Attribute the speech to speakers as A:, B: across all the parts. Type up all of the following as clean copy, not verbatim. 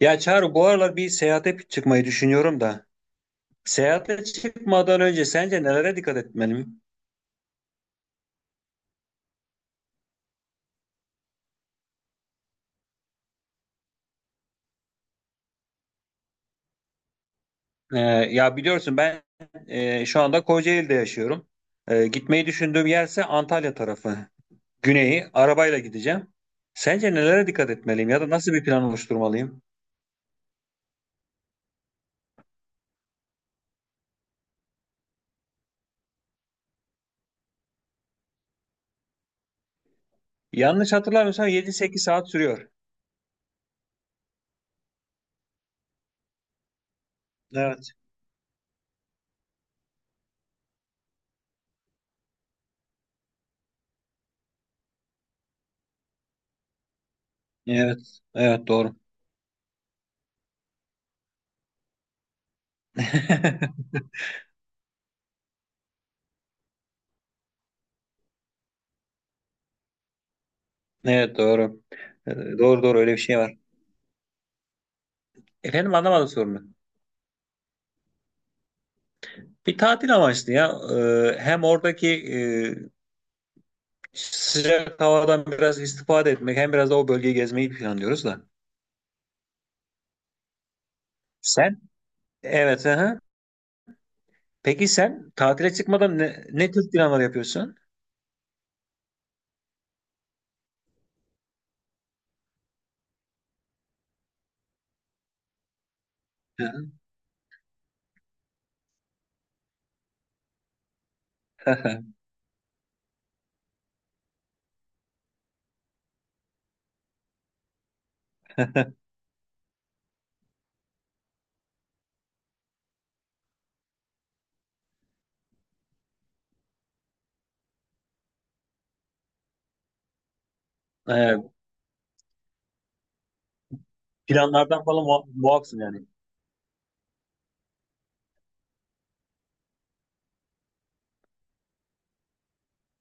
A: Ya Çağrı bu aralar bir seyahate çıkmayı düşünüyorum da. Seyahate çıkmadan önce sence nelere dikkat etmeliyim? Ee, ya biliyorsun ben şu anda Kocaeli'de yaşıyorum. Gitmeyi düşündüğüm yerse Antalya tarafı. Güneyi arabayla gideceğim. Sence nelere dikkat etmeliyim ya da nasıl bir plan oluşturmalıyım? Yanlış hatırlamıyorsam 7-8 saat sürüyor. Evet. Evet. Evet, doğru. Evet, doğru. Ee, doğru doğru, öyle bir şey var. Efendim, anlamadım sorunu. Bir tatil amaçlı ya. Hem oradaki sıcak havadan biraz istifade etmek hem biraz da o bölgeyi gezmeyi planlıyoruz da. Sen? Evet. Aha. Peki sen tatile çıkmadan ne tür planlar yapıyorsun? Ee, Planlardan falan muafsın yani.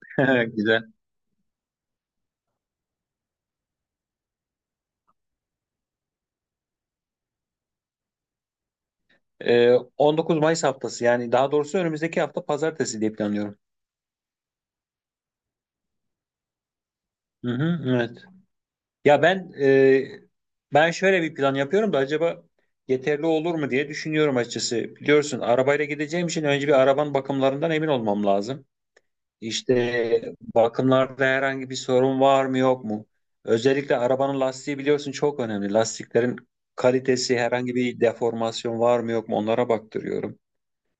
A: Güzel. Ee, 19 Mayıs haftası, yani daha doğrusu önümüzdeki hafta pazartesi diye planlıyorum. Hı hı, evet. Ya ben, ben şöyle bir plan yapıyorum da acaba yeterli olur mu diye düşünüyorum açıkçası. Biliyorsun arabayla gideceğim için önce bir arabanın bakımlarından emin olmam lazım. İşte bakımlarda herhangi bir sorun var mı yok mu? Özellikle arabanın lastiği biliyorsun çok önemli. Lastiklerin kalitesi, herhangi bir deformasyon var mı yok mu onlara baktırıyorum.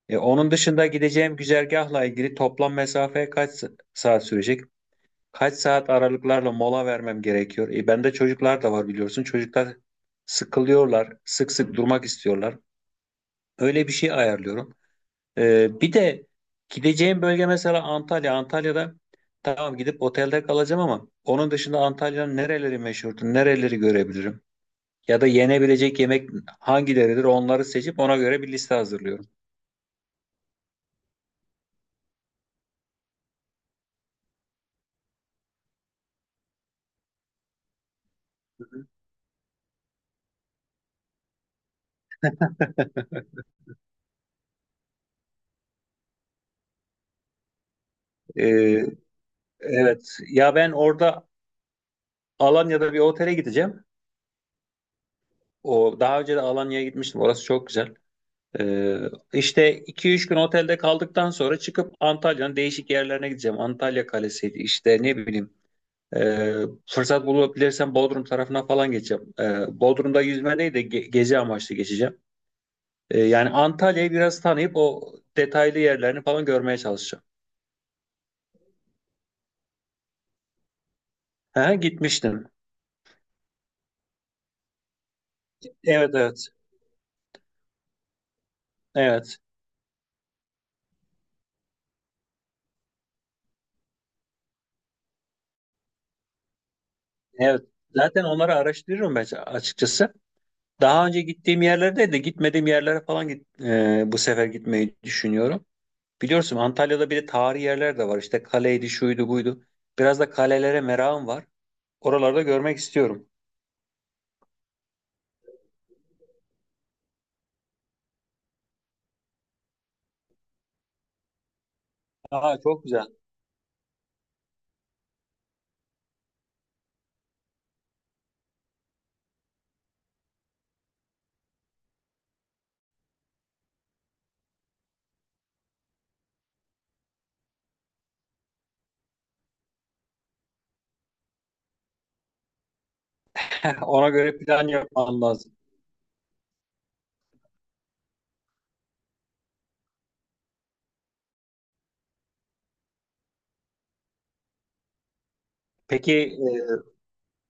A: Onun dışında gideceğim güzergahla ilgili toplam mesafe kaç saat sürecek? Kaç saat aralıklarla mola vermem gerekiyor? Bende çocuklar da var biliyorsun. Çocuklar sıkılıyorlar, sık sık durmak istiyorlar. Öyle bir şey ayarlıyorum. Bir de gideceğim bölge mesela Antalya. Antalya'da tamam gidip otelde kalacağım ama onun dışında Antalya'nın nereleri meşhurdur, nereleri görebilirim? Ya da yenebilecek yemek hangileridir, onları seçip ona göre bir liste hazırlıyorum. E, evet ya, ben orada Alanya'da bir otele gideceğim. O, daha önce de Alanya'ya gitmiştim. Orası çok güzel. Ee, işte 2-3 gün otelde kaldıktan sonra çıkıp Antalya'nın değişik yerlerine gideceğim. Antalya Kalesi'ydi işte, ne bileyim. Ee, Fırsat bulabilirsem Bodrum tarafına falan geçeceğim. Bodrum'da yüzme değil de gezi amaçlı geçeceğim. Yani Antalya'yı biraz tanıyıp o detaylı yerlerini falan görmeye çalışacağım. Ha, gitmiştim. Evet, evet. Evet. Evet. Zaten onları araştırıyorum ben açıkçası. Daha önce gittiğim yerlerde de gitmediğim yerlere falan git, bu sefer gitmeyi düşünüyorum. Biliyorsun Antalya'da bir de tarihi yerler de var. İşte kaleydi, şuydu, buydu. Biraz da kalelere merakım var. Oralarda görmek istiyorum. Aa, çok güzel. Ona göre plan yapmam lazım. Peki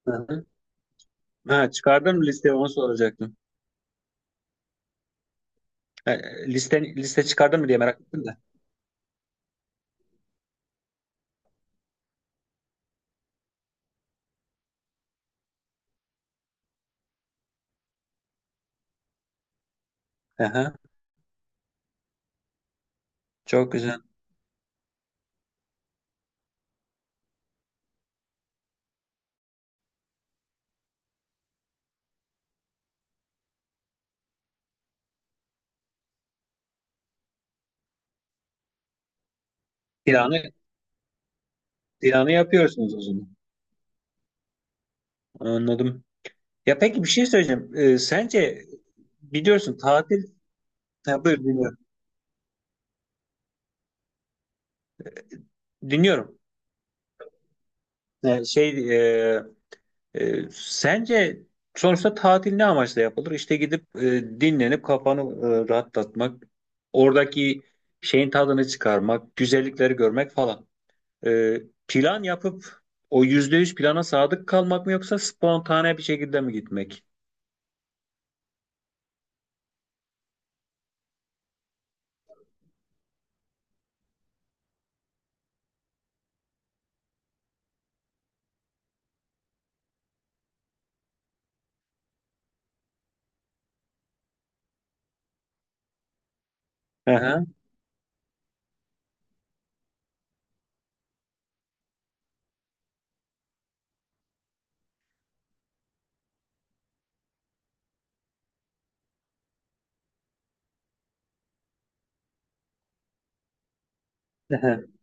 A: hı hı. Ha, çıkardın mı listeyi, onu soracaktım. E, liste, liste çıkardın mı diye merak ettim de. Hı hı. Çok güzel. Planı, planı yapıyorsunuz o zaman. Anladım. Ya peki, bir şey söyleyeceğim. Sence biliyorsun tatil… Ha, buyur dinliyorum. Dinliyorum. Ee, şey e, sence sonuçta tatil ne amaçla yapılır? İşte gidip dinlenip kafanı rahatlatmak, oradaki şeyin tadını çıkarmak, güzellikleri görmek falan. E, Plan yapıp o yüzde yüz plana sadık kalmak mı yoksa spontane bir şekilde mi gitmek? Hı hı.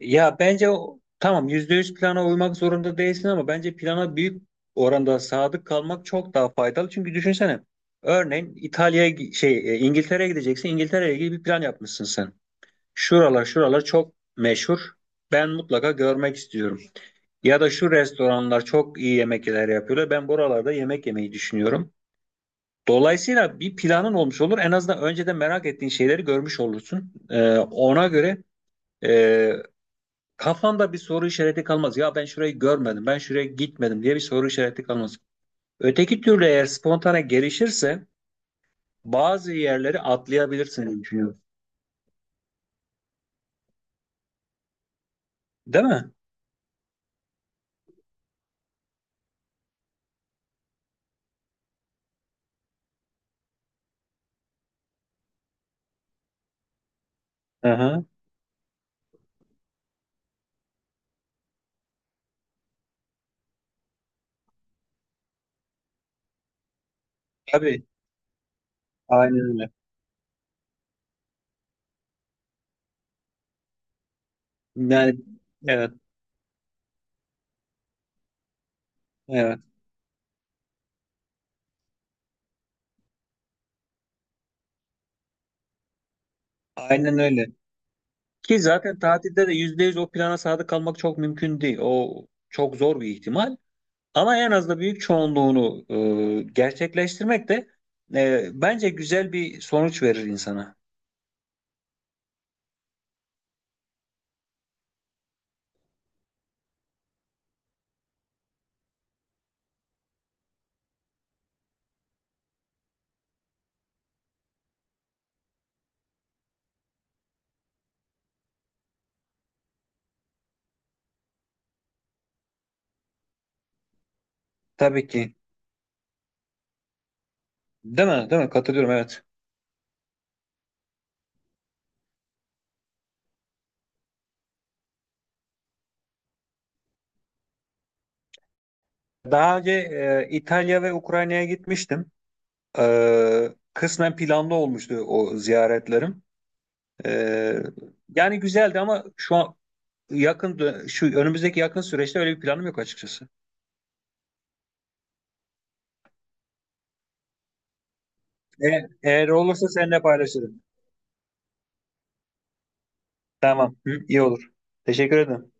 A: Ya bence tamam, %100 plana uymak zorunda değilsin ama bence plana büyük oranda sadık kalmak çok daha faydalı. Çünkü düşünsene, örneğin İtalya'ya İngiltere'ye gideceksin. İngiltere'ye ilgili bir plan yapmışsın sen. Şuralar çok meşhur. Ben mutlaka görmek istiyorum. Ya da şu restoranlar çok iyi yemekler yapıyorlar. Ben buralarda yemek yemeyi düşünüyorum. Dolayısıyla bir planın olmuş olur. En azından önceden merak ettiğin şeyleri görmüş olursun. E, Kafamda bir soru işareti kalmaz. Ya ben şurayı görmedim, ben şuraya gitmedim diye bir soru işareti kalmaz. Öteki türlü eğer spontane gelişirse bazı yerleri atlayabilirsin düşünüyorum. Değil mi? Hı hı. Tabii. Aynen öyle. Yani evet, evet. Aynen öyle. Ki zaten tatilde de %100 o plana sadık kalmak çok mümkün değil. O çok zor bir ihtimal. Ama en az da büyük çoğunluğunu gerçekleştirmek de bence güzel bir sonuç verir insana. Tabii ki. Değil mi? Değil mi? Katılıyorum, evet. Daha önce İtalya ve Ukrayna'ya gitmiştim. Kısmen planlı olmuştu o ziyaretlerim. E, Yani güzeldi ama şu an şu önümüzdeki yakın süreçte öyle bir planım yok açıkçası. E, Eğer olursa seninle paylaşırım. Tamam. Hı, iyi olur. Teşekkür ederim.